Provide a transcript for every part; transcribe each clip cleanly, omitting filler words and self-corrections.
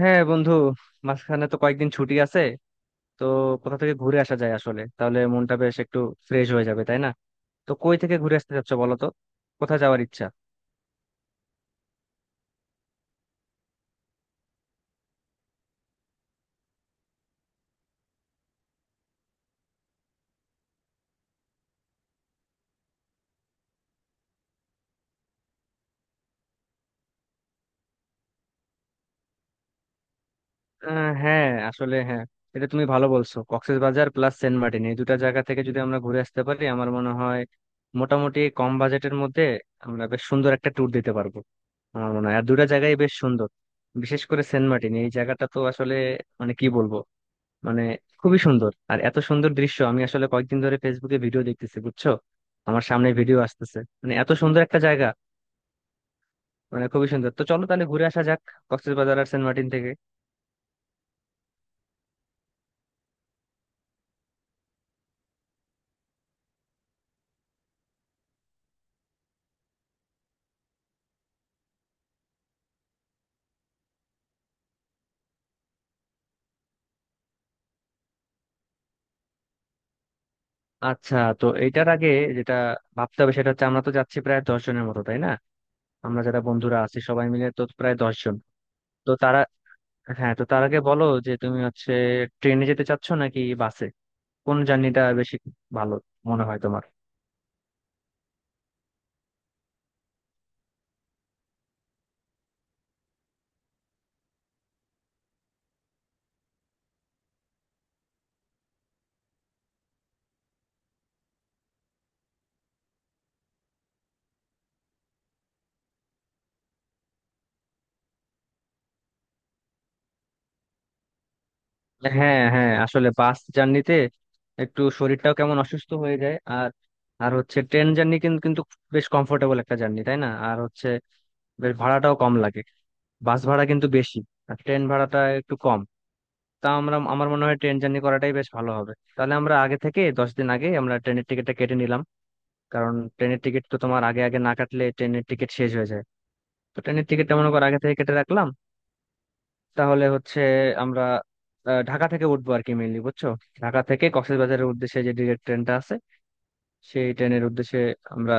হ্যাঁ বন্ধু, মাঝখানে তো কয়েকদিন ছুটি আছে। তো কোথা থেকে ঘুরে আসা যায়, আসলে তাহলে মনটা বেশ একটু ফ্রেশ হয়ে যাবে, তাই না? তো কই থেকে ঘুরে আসতে চাচ্ছ বলো তো, কোথায় যাওয়ার ইচ্ছা? হ্যাঁ আসলে, হ্যাঁ এটা তুমি ভালো বলছো। কক্সবাজার প্লাস সেন্ট মার্টিন, এই দুটা জায়গা থেকে যদি আমরা ঘুরে আসতে পারি আমার মনে হয় মোটামুটি কম বাজেটের মধ্যে আমরা বেশ সুন্দর একটা ট্যুর দিতে পারবো। আমার মনে হয় আর দুটা জায়গায় বেশ সুন্দর। বিশেষ করে সেন্ট মার্টিন এই জায়গাটা তো আসলে, মানে কি বলবো, মানে খুবই সুন্দর। আর এত সুন্দর দৃশ্য আমি আসলে কয়েকদিন ধরে ফেসবুকে ভিডিও দেখতেছি বুঝছো, আমার সামনে ভিডিও আসতেছে। মানে এত সুন্দর একটা জায়গা, মানে খুবই সুন্দর। তো চলো তাহলে ঘুরে আসা যাক কক্সবাজার আর সেন্ট মার্টিন থেকে। আচ্ছা, তো এইটার আগে যেটা ভাবতে হবে সেটা হচ্ছে আমরা তো যাচ্ছি প্রায় 10 জনের মতো, তাই না? আমরা যারা বন্ধুরা আছি সবাই মিলে তো প্রায় 10 জন। তো তারা, হ্যাঁ তো তার আগে বলো যে তুমি হচ্ছে ট্রেনে যেতে চাচ্ছ নাকি বাসে, কোন জার্নিটা বেশি ভালো মনে হয় তোমার? হ্যাঁ হ্যাঁ, আসলে বাস জার্নিতে একটু শরীরটাও কেমন অসুস্থ হয়ে যায়। আর, আর হচ্ছে ট্রেন জার্নি কিন্তু কিন্তু বেশ কমফোর্টেবল একটা জার্নি, তাই না? আর হচ্ছে বেশ ভাড়াটাও কম লাগে। বাস ভাড়া কিন্তু বেশি, আর ট্রেন ভাড়াটা একটু কম। তা আমরা, আমার মনে হয় ট্রেন জার্নি করাটাই বেশ ভালো হবে। তাহলে আমরা আগে থেকে 10 দিন আগে আমরা ট্রেনের টিকিটটা কেটে নিলাম। কারণ ট্রেনের টিকিট তো তোমার আগে আগে না কাটলে ট্রেনের টিকিট শেষ হয়ে যায়। তো ট্রেনের টিকিটটা মনে করো আগে থেকে কেটে রাখলাম। তাহলে হচ্ছে আমরা ঢাকা থেকে উঠবো আর কি, মেইনলি বুঝছো, ঢাকা থেকে কক্সবাজারের উদ্দেশ্যে যে ডিরেক্ট ট্রেনটা আছে সেই ট্রেনের উদ্দেশ্যে আমরা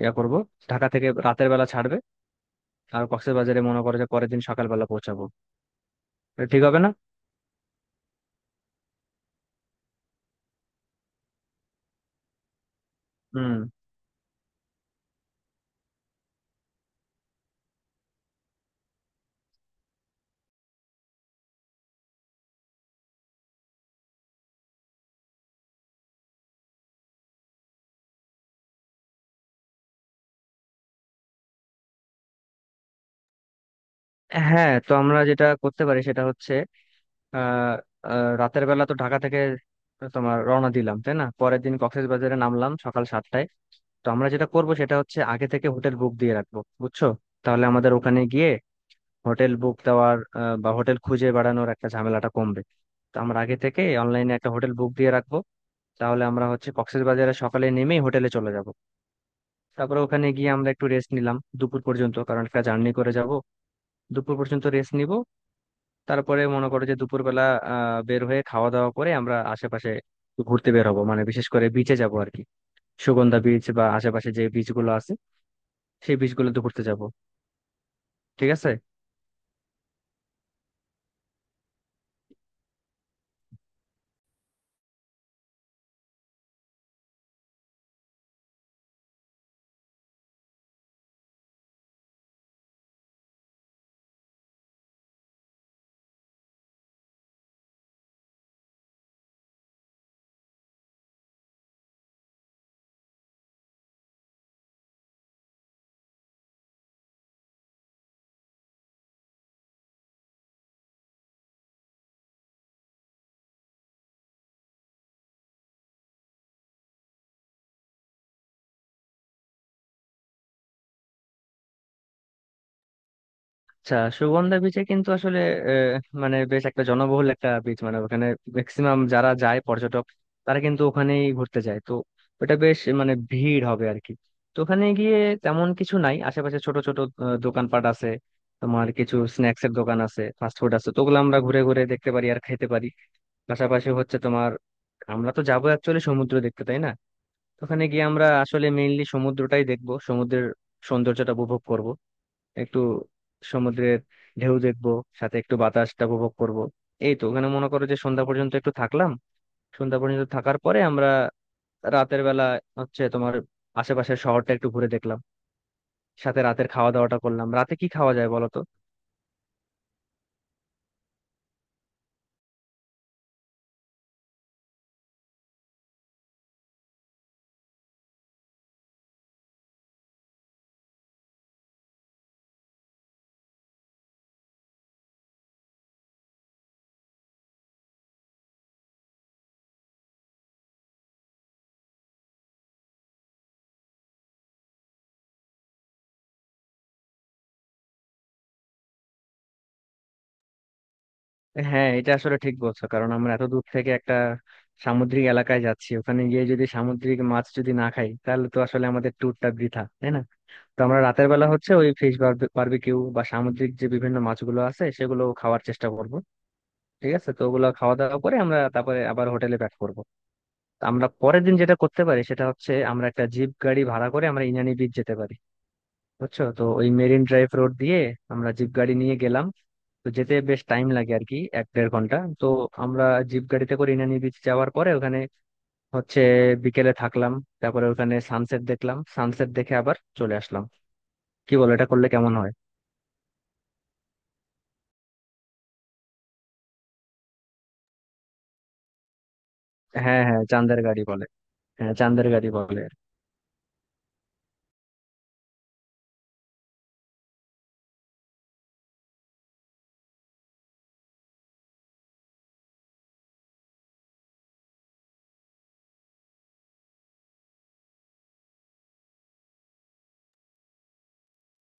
ইয়া করব। ঢাকা থেকে রাতের বেলা ছাড়বে আর কক্সবাজারে মনে করো যে পরের দিন সকালবেলা পৌঁছাবো। এটা ঠিক হবে না? হুম। হ্যাঁ, তো আমরা যেটা করতে পারি সেটা হচ্ছে আহ আহ, রাতের বেলা তো ঢাকা থেকে তোমার রওনা দিলাম, তাই না? পরের দিন কক্সবাজারে নামলাম সকাল 7টায়। তো আমরা যেটা করব সেটা হচ্ছে আগে থেকে হোটেল বুক দিয়ে রাখবো বুঝছো। তাহলে আমাদের ওখানে গিয়ে হোটেল বুক দেওয়ার বা হোটেল খুঁজে বেড়ানোর একটা ঝামেলাটা কমবে। তো আমরা আগে থেকে অনলাইনে একটা হোটেল বুক দিয়ে রাখবো। তাহলে আমরা হচ্ছে কক্সবাজারে সকালে নেমেই হোটেলে চলে যাব। তারপরে ওখানে গিয়ে আমরা একটু রেস্ট নিলাম দুপুর পর্যন্ত, কারণ একটা জার্নি করে যাব। দুপুর পর্যন্ত রেস্ট নিব। তারপরে মনে করো যে দুপুরবেলা বের হয়ে খাওয়া দাওয়া করে আমরা আশেপাশে একটু ঘুরতে বের হবো, মানে বিশেষ করে বিচে যাব আর কি। সুগন্ধা বিচ বা আশেপাশে যে বিচ গুলো আছে সেই বিচ গুলোতে ঘুরতে যাব। ঠিক আছে। আচ্ছা, সুগন্ধা বিচে কিন্তু আসলে আহ, মানে বেশ একটা জনবহুল একটা বিচ। মানে ওখানে ম্যাক্সিমাম যারা যায় পর্যটক তারা কিন্তু ওখানেই ঘুরতে যায়। তো ওটা বেশ, মানে ভিড় হবে আর কি। তো ওখানে গিয়ে তেমন কিছু নাই, আশেপাশে ছোট ছোট দোকানপাট আছে। তোমার কিছু স্ন্যাক্স এর দোকান আছে, ফাস্ট ফুড আছে। তো ওগুলো আমরা ঘুরে ঘুরে দেখতে পারি আর খেতে পারি। পাশাপাশি হচ্ছে তোমার, আমরা তো যাবো অ্যাকচুয়ালি সমুদ্র দেখতে তাই না? তো ওখানে গিয়ে আমরা আসলে মেইনলি সমুদ্রটাই দেখবো, সমুদ্রের সৌন্দর্যটা উপভোগ করব। একটু সমুদ্রের ঢেউ দেখবো, সাথে একটু বাতাসটা উপভোগ করব। এই তো, ওখানে মনে করো যে সন্ধ্যা পর্যন্ত একটু থাকলাম। সন্ধ্যা পর্যন্ত থাকার পরে আমরা রাতের বেলা হচ্ছে তোমার আশেপাশের শহরটা একটু ঘুরে দেখলাম, সাথে রাতের খাওয়া দাওয়াটা করলাম। রাতে কি খাওয়া যায় বলো তো? হ্যাঁ, এটা আসলে ঠিক বলছো। কারণ আমরা এত দূর থেকে একটা সামুদ্রিক এলাকায় যাচ্ছি, ওখানে গিয়ে যদি সামুদ্রিক মাছ যদি না খাই তাহলে তো আসলে আমাদের ট্যুরটা বৃথা, তাই না? তো আমরা রাতের বেলা হচ্ছে ওই ফিশ বারবিকিউ বা সামুদ্রিক যে বিভিন্ন মাছগুলো আছে সেগুলো খাওয়ার চেষ্টা করব। ঠিক আছে। তো ওগুলা খাওয়া দাওয়া করে আমরা তারপরে আবার হোটেলে ব্যাক করবো। তো আমরা পরের দিন যেটা করতে পারি সেটা হচ্ছে আমরা একটা জিপ গাড়ি ভাড়া করে আমরা ইনানি বিচ যেতে পারি বুঝছো। তো ওই মেরিন ড্রাইভ রোড দিয়ে আমরা জিপ গাড়ি নিয়ে গেলাম। তো যেতে বেশ টাইম লাগে আর কি, এক দেড় ঘন্টা। তো আমরা জিপ গাড়িতে করে ইনানি বিচ যাওয়ার পরে ওখানে হচ্ছে বিকেলে থাকলাম। তারপরে ওখানে সানসেট দেখলাম, সানসেট দেখে আবার চলে আসলাম। কি বলো, এটা করলে কেমন হয়? হ্যাঁ হ্যাঁ, চান্দের গাড়ি বলে। হ্যাঁ চান্দের গাড়ি বলে।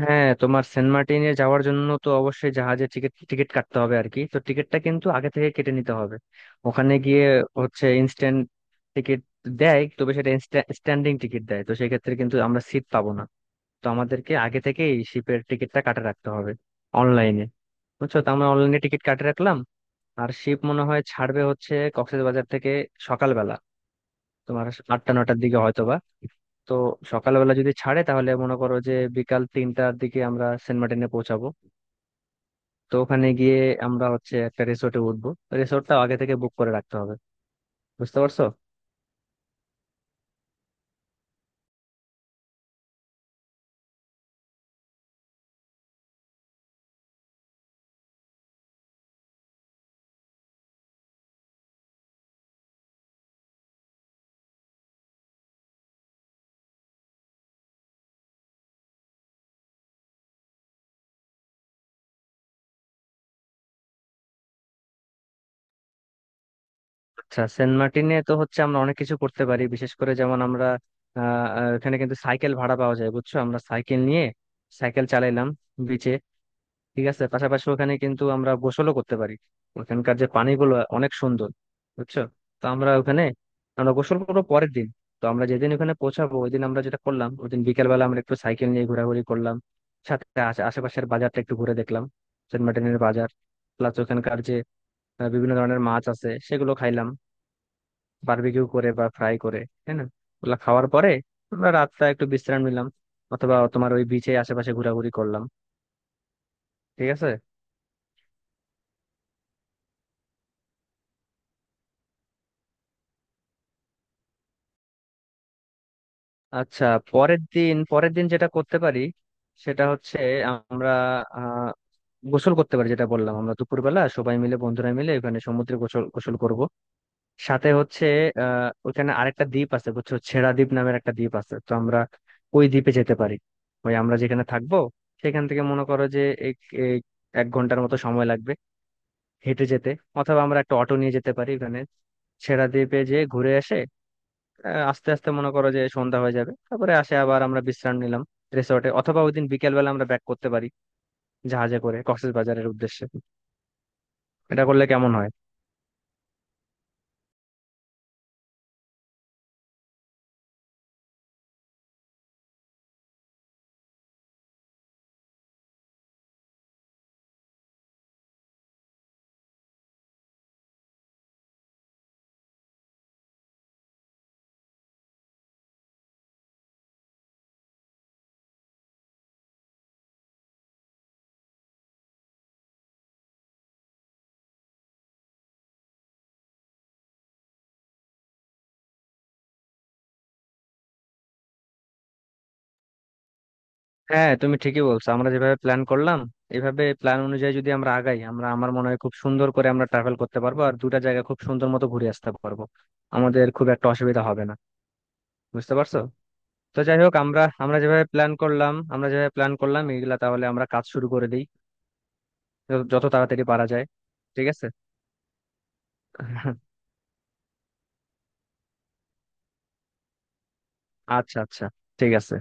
হ্যাঁ, তোমার সেন্ট মার্টিনে যাওয়ার জন্য তো অবশ্যই জাহাজে টিকিট টিকিট কাটতে হবে আর কি। তো টিকিটটা কিন্তু আগে থেকে কেটে নিতে হবে। ওখানে গিয়ে হচ্ছে ইনস্ট্যান্ট টিকিট দেয়, তবে সেটা স্ট্যান্ডিং টিকিট দেয়। তো সেক্ষেত্রে কিন্তু আমরা সিট পাবো না। তো আমাদেরকে আগে থেকেই শিপের টিকিটটা কাটে রাখতে হবে অনলাইনে বুঝছো। তো আমরা অনলাইনে টিকিট কাটে রাখলাম। আর শিপ মনে হয় ছাড়বে হচ্ছে কক্সবাজার থেকে সকালবেলা, তোমার আটটা নটার দিকে হয়তোবা। তো সকালবেলা যদি ছাড়ে তাহলে মনে করো যে বিকাল 3টার দিকে আমরা সেন্ট মার্টিনে পৌঁছাবো। তো ওখানে গিয়ে আমরা হচ্ছে একটা রিসোর্টে উঠবো। রিসোর্টটাও আগে থেকে বুক করে রাখতে হবে, বুঝতে পারছো? আচ্ছা, সেন্ট মার্টিনে তো হচ্ছে আমরা অনেক কিছু করতে পারি, বিশেষ করে যেমন আমরা আহ আহ, এখানে কিন্তু সাইকেল ভাড়া পাওয়া যায় বুঝছো। আমরা সাইকেল নিয়ে সাইকেল চালাইলাম বিচে। ঠিক আছে। পাশাপাশি ওখানে কিন্তু আমরা গোসলও করতে পারি। ওখানকার যে পানিগুলো অনেক সুন্দর বুঝছো। তো আমরা ওখানে আমরা গোসল করবো পরের দিন। তো আমরা যেদিন ওখানে পৌঁছাবো ওই দিন আমরা যেটা করলাম, ওই দিন বিকেলবেলা আমরা একটু সাইকেল নিয়ে ঘোরাঘুরি করলাম। সাথে আশেপাশের বাজারটা একটু ঘুরে দেখলাম, সেন্ট মার্টিনের বাজার। প্লাস ওখানকার যে বিভিন্ন ধরনের মাছ আছে সেগুলো খাইলাম, বারবিকিউ করে বা ফ্রাই করে, তাই না? ওগুলো খাওয়ার পরে আমরা রাতটা একটু বিশ্রাম নিলাম, অথবা তোমার ওই বিচে আশেপাশে ঘোরাঘুরি করলাম। ঠিক আছে। আচ্ছা, পরের দিন যেটা করতে পারি সেটা হচ্ছে আমরা আহ গোসল করতে পারি, যেটা বললাম আমরা দুপুরবেলা সবাই মিলে বন্ধুরা মিলে ওখানে সমুদ্রে গোসল গোসল করব। সাথে হচ্ছে ওখানে আরেকটা দ্বীপ আছে বুঝছো, ছেড়া দ্বীপ নামের একটা দ্বীপ আছে। তো আমরা ওই দ্বীপে যেতে পারি। ওই আমরা যেখানে থাকবো সেখান থেকে মনে করো যে এক এক 1 ঘন্টার মতো সময় লাগবে হেঁটে যেতে, অথবা আমরা একটা অটো নিয়ে যেতে পারি ওখানে ছেড়া দ্বীপে যে ঘুরে আসে। আস্তে আস্তে মনে করো যে সন্ধ্যা হয়ে যাবে, তারপরে আসে আবার আমরা বিশ্রাম নিলাম রিসোর্টে। অথবা ওই দিন বিকেল বেলা আমরা ব্যাক করতে পারি জাহাজে করে কক্সবাজারের উদ্দেশ্যে। এটা করলে কেমন হয়? হ্যাঁ তুমি ঠিকই বলছো। আমরা যেভাবে প্ল্যান করলাম, এভাবে প্ল্যান অনুযায়ী যদি আমরা আগাই আমরা, আমার মনে হয় খুব সুন্দর করে আমরা ট্রাভেল করতে পারবো আর দুটা জায়গা খুব সুন্দর মতো ঘুরে আসতে পারবো। আমাদের খুব একটা অসুবিধা হবে না, বুঝতে পারছো? তো যাই হোক, আমরা আমরা যেভাবে প্ল্যান করলাম এইগুলা, তাহলে আমরা কাজ শুরু করে দিই। যত যত তাড়াতাড়ি পারা যায়। ঠিক আছে। আচ্ছা আচ্ছা, ঠিক আছে।